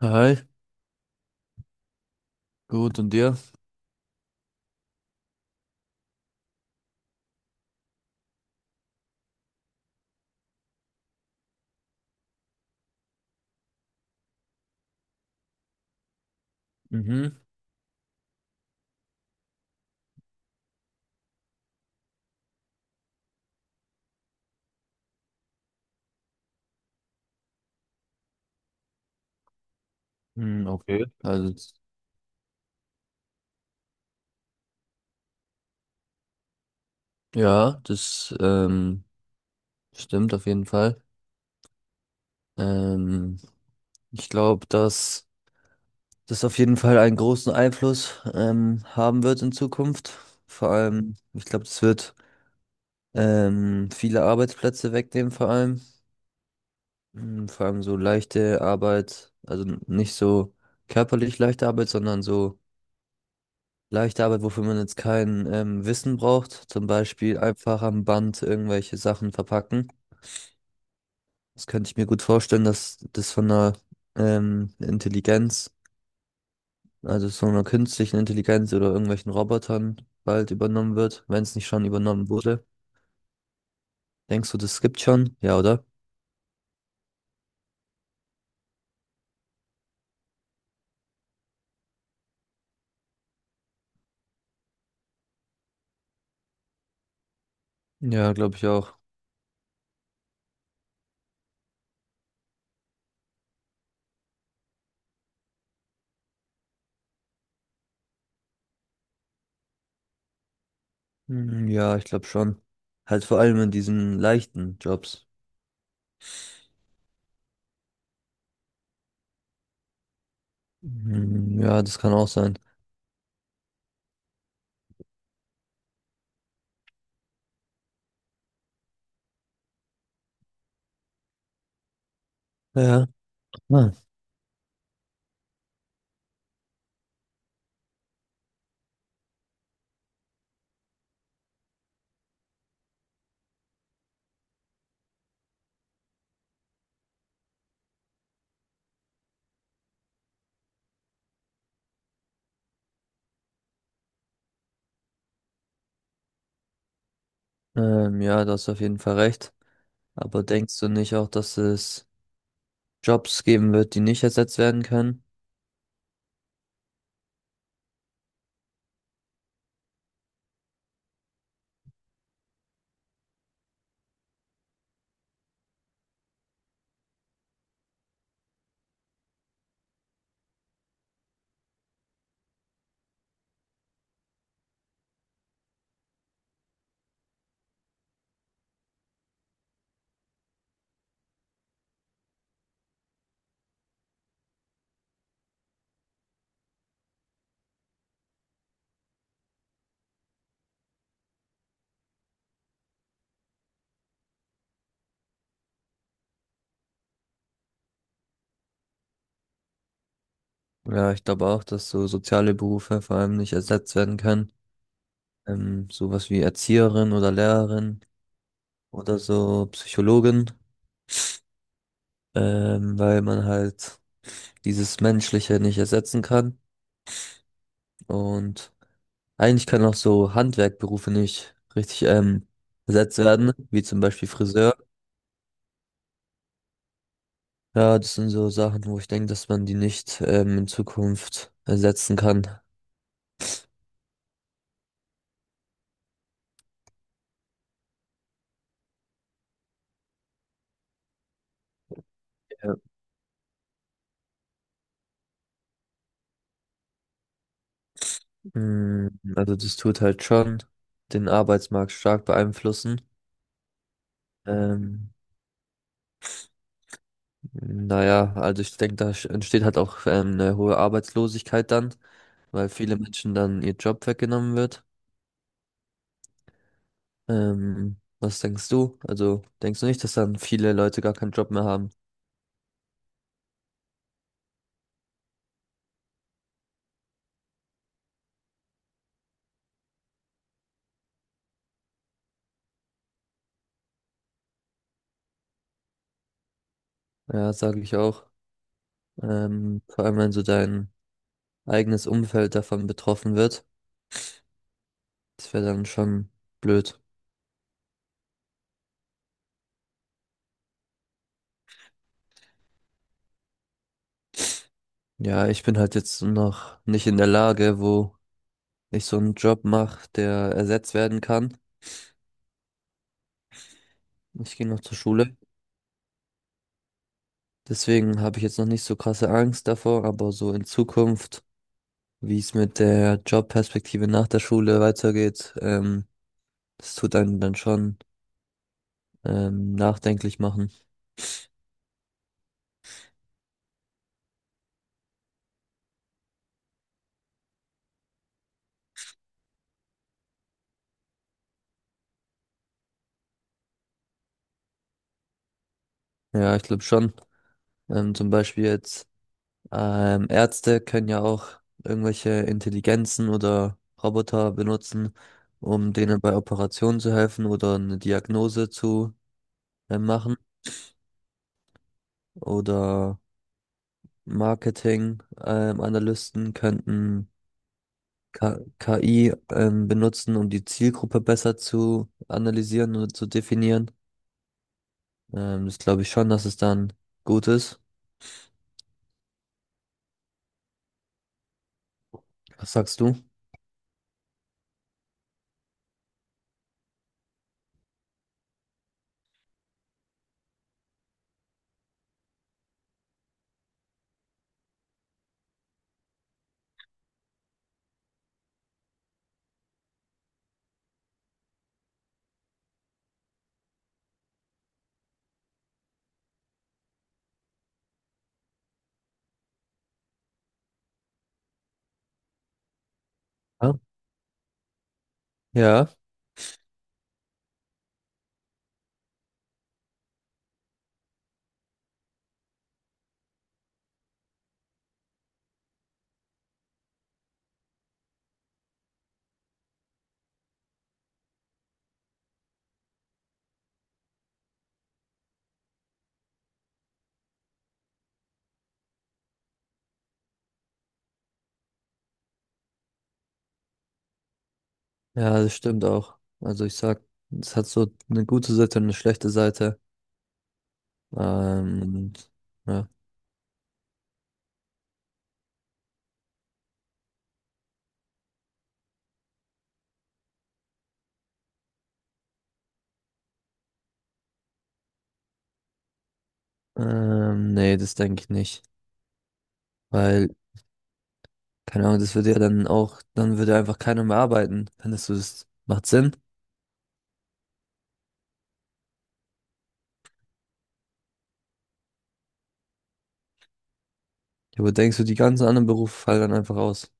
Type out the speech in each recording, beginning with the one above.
Hi, gut und dir? Mhm. Hm, okay. Ja, das stimmt auf jeden Fall. Ähm, Ich glaube, dass das auf jeden Fall einen großen Einfluss haben wird in Zukunft. Vor allem, ich glaube, das wird viele Arbeitsplätze wegnehmen, vor allem. Vor allem so leichte Arbeit, also nicht so körperlich leichte Arbeit, sondern so leichte Arbeit, wofür man jetzt kein Wissen braucht. Zum Beispiel einfach am Band irgendwelche Sachen verpacken. Das könnte ich mir gut vorstellen, dass das von einer Intelligenz, also so einer künstlichen Intelligenz oder irgendwelchen Robotern bald übernommen wird, wenn es nicht schon übernommen wurde. Denkst du, das gibt schon? Ja, oder? Ja, glaube ich auch. Mhm, ja, ich glaube schon. Halt vor allem in diesen leichten Jobs. Mhm, ja, das kann auch sein. Ja. Ah. Ja, da hast du auf jeden Fall recht. Aber denkst du nicht auch, dass es Jobs geben wird, die nicht ersetzt werden können? Ja, ich glaube auch, dass so soziale Berufe vor allem nicht ersetzt werden können. Sowas wie Erzieherin oder Lehrerin oder so Psychologin, weil man halt dieses Menschliche nicht ersetzen kann. Und eigentlich können auch so Handwerkberufe nicht richtig ersetzt werden, wie zum Beispiel Friseur. Ja, das sind so Sachen, wo ich denke, dass man die nicht in Zukunft ersetzen kann. Mm, Also das tut halt schon den Arbeitsmarkt stark beeinflussen. Ähm, naja, also ich denke, da entsteht halt auch eine hohe Arbeitslosigkeit dann, weil viele Menschen dann ihr Job weggenommen wird. Was denkst du? Also denkst du nicht, dass dann viele Leute gar keinen Job mehr haben? Ja, sage ich auch. Vor allem, wenn so dein eigenes Umfeld davon betroffen wird, das wäre dann schon blöd. Ja, ich bin halt jetzt noch nicht in der Lage, wo ich so einen Job mache, der ersetzt werden kann. Ich gehe noch zur Schule. Deswegen habe ich jetzt noch nicht so krasse Angst davor, aber so in Zukunft, wie es mit der Jobperspektive nach der Schule weitergeht, das tut einen dann schon nachdenklich machen. Ja, ich glaube schon. Zum Beispiel jetzt Ärzte können ja auch irgendwelche Intelligenzen oder Roboter benutzen, um denen bei Operationen zu helfen oder eine Diagnose zu machen oder Marketing, Analysten könnten K KI benutzen, um die Zielgruppe besser zu analysieren und zu definieren. Das glaube ich schon, dass es dann gut ist. Was sagst du? Ja, ja, ja, das stimmt auch. Also ich sag, es hat so eine gute Seite und eine schlechte Seite. Ähm, und, ja. Nee, das denke ich nicht. Weil, keine Ahnung, das würde ja dann auch, dann würde einfach keiner mehr arbeiten. Findest du, das macht Sinn? Ja, aber denkst du, die ganzen anderen Berufe fallen dann einfach aus?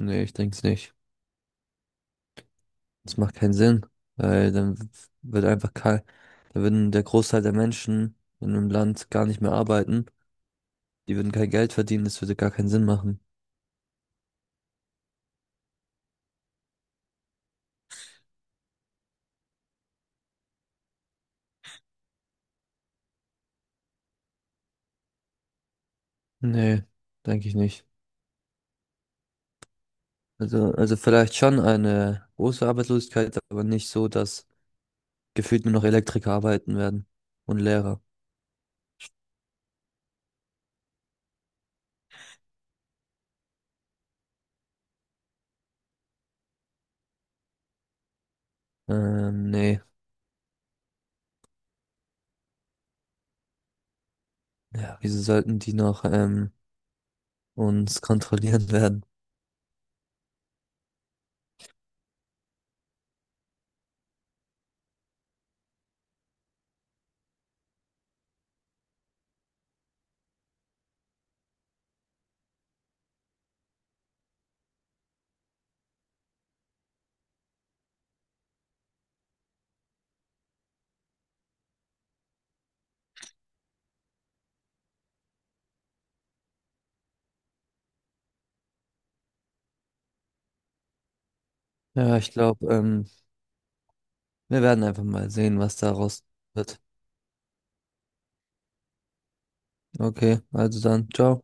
Nee, ich denk's nicht. Das macht keinen Sinn, weil dann wird einfach kein, da würden der Großteil der Menschen in einem Land gar nicht mehr arbeiten. Die würden kein Geld verdienen, das würde gar keinen Sinn machen. Nee, denke ich nicht. Also vielleicht schon eine große Arbeitslosigkeit, aber nicht so, dass gefühlt nur noch Elektriker arbeiten werden und Lehrer. Nee, ja, wieso sollten die noch uns kontrollieren werden? Ja, ich glaube, wir werden einfach mal sehen, was daraus wird. Okay, also dann, ciao.